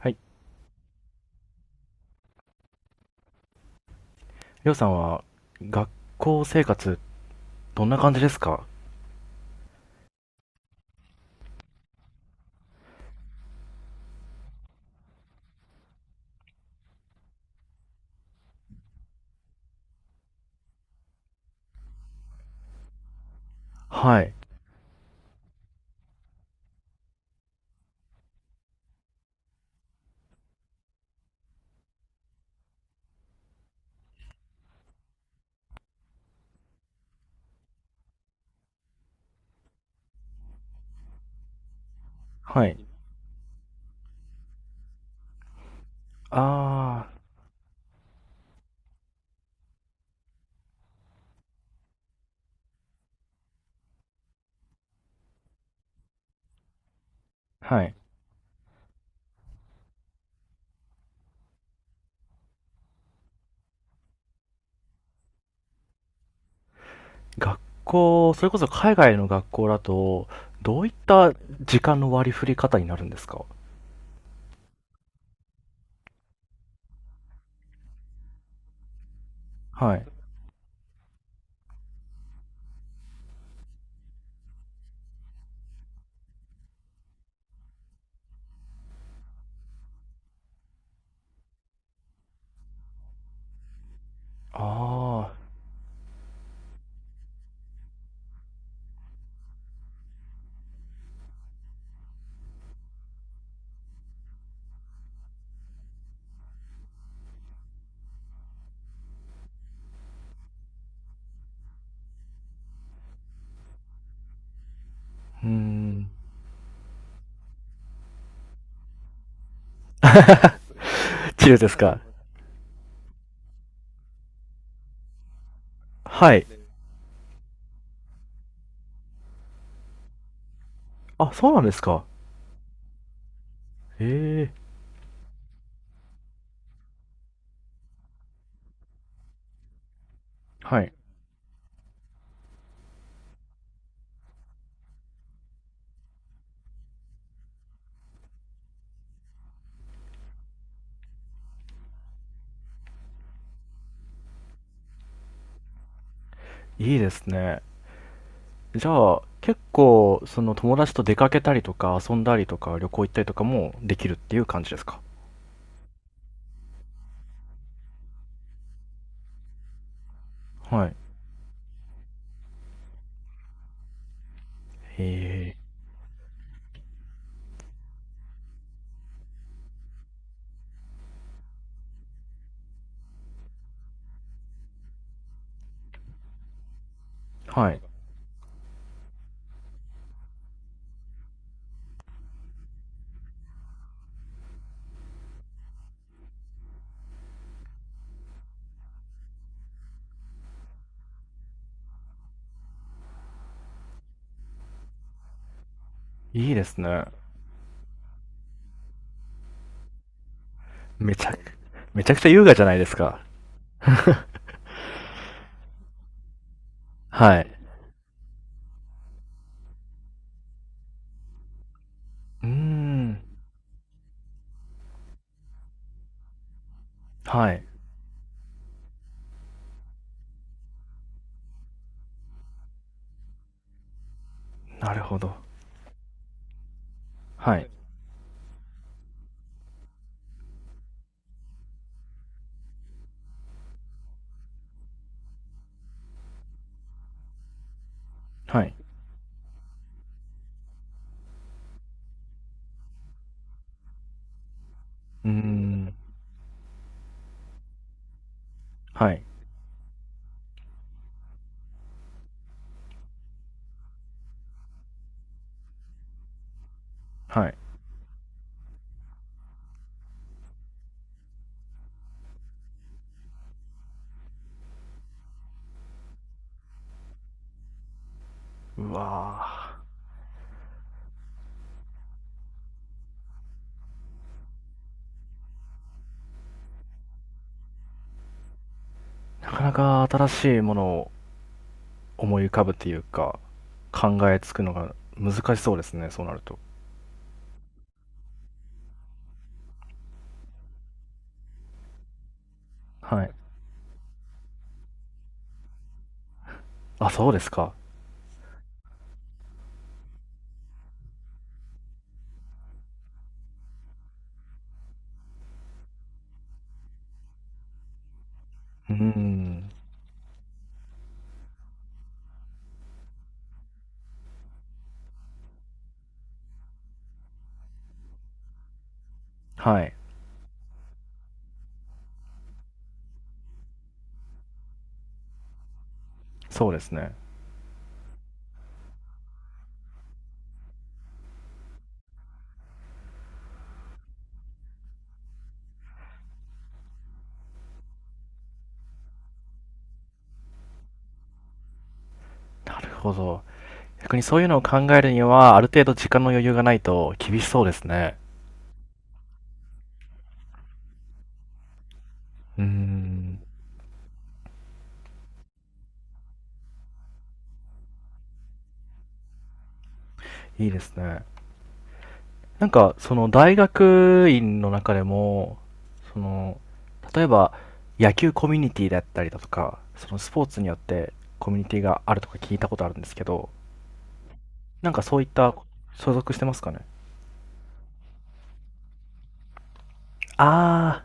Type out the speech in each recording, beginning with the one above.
はい。りょうさんは、学校生活、どんな感じですか？はい。はい。ああ、はい。学校、それこそ海外の学校だと、どういった時間の割り振り方になるんですか？はい。ああ、うーん。チルですか？はい。あ、そうなんですか。ええ。はい。いいですね。じゃあ、結構、その友達と出かけたりとか、遊んだりとか、旅行行ったりとかもできるっていう感じですか？はい。ええ。はい。いいですね。めちゃく、めちゃくちゃ優雅じゃないですか。はい。うーん。はい。なるほど。はい。はい。うーん。はい。はい。うわー。なかなか新しいものを思い浮かぶっていうか、考えつくのが難しそうですね、そうなると。はい。あ、そうですか。うーん。はい。そうですね。なるほど。逆にそういうのを考えるには、ある程度時間の余裕がないと厳しそうですね。うーん。いいですね。なんか、その大学院の中でも、その、例えば野球コミュニティだったりだとか、そのスポーツによってコミュニティがあるとか聞いたことあるんですけど、なんかそういった所属してますかね？あ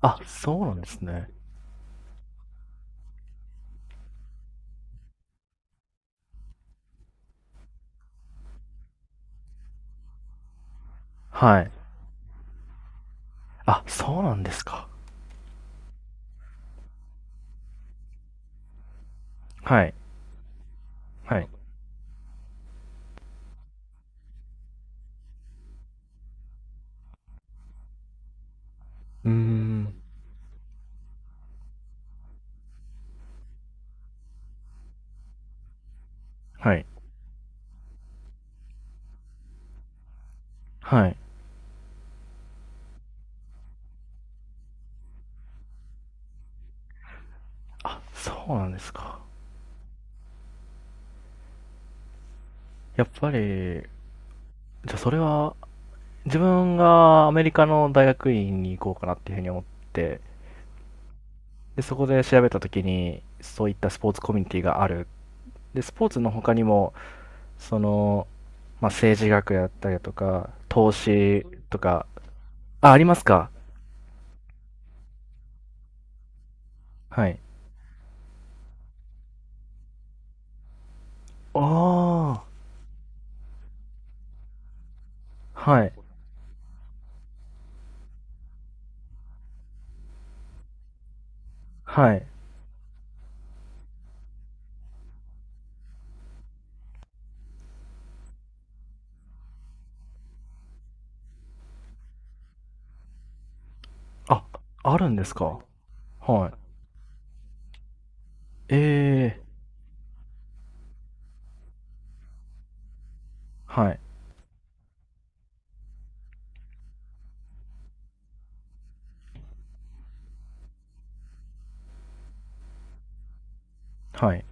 あ、あ、そうなんですね。はい。あ、そうなんですか。はい。はい。うーん。はい。はい。あ、そうなんですか。やっぱり、じゃあそれは、自分がアメリカの大学院に行こうかなっていうふうに思って、でそこで調べた時にそういったスポーツコミュニティがある、でスポーツの他にも、その、まあ、政治学やったりだとか投資とか、あ、ありますか？はい。ああー。はいはい。あ、あるんですか？はい。ええー。はい。はい。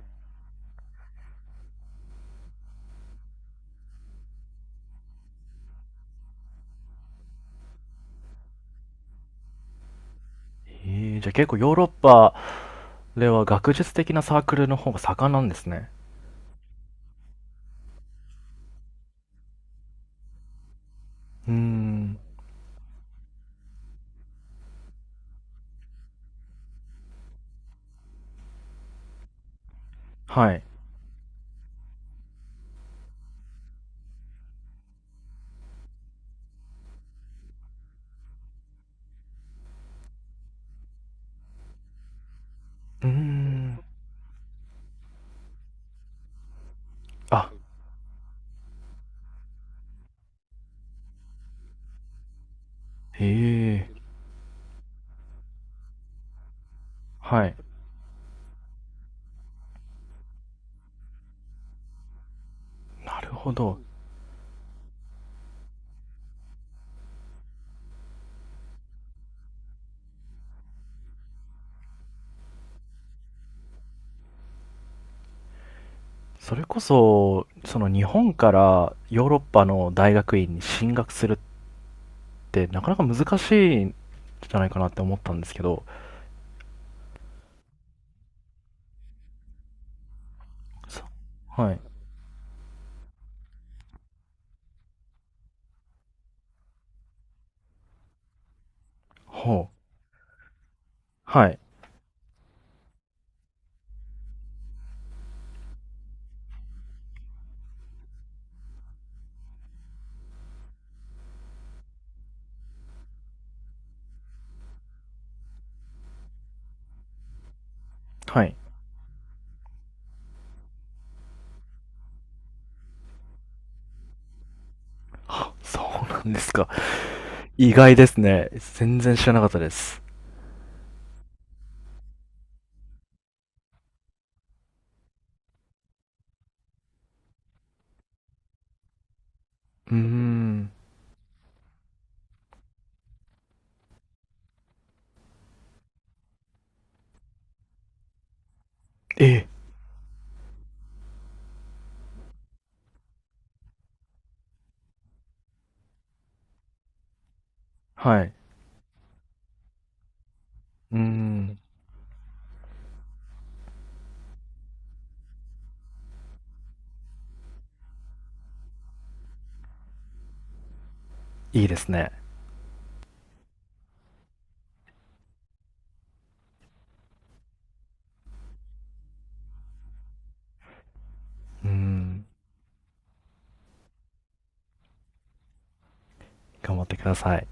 えー、じゃあ結構ヨーロッパでは学術的なサークルの方が盛んなんですね。うーん。はい。うーん。あ、へえ。はい。なるほど。それこそ、その日本からヨーロッパの大学院に進学するって、なかなか難しいんじゃないかなって思ったんですけど、そ、はい。ほう。はい。はい。そうなんですか。意外ですね。全然知らなかったです。うーん。ええ。はい。うーん。いいですね。うーん。頑張ってください。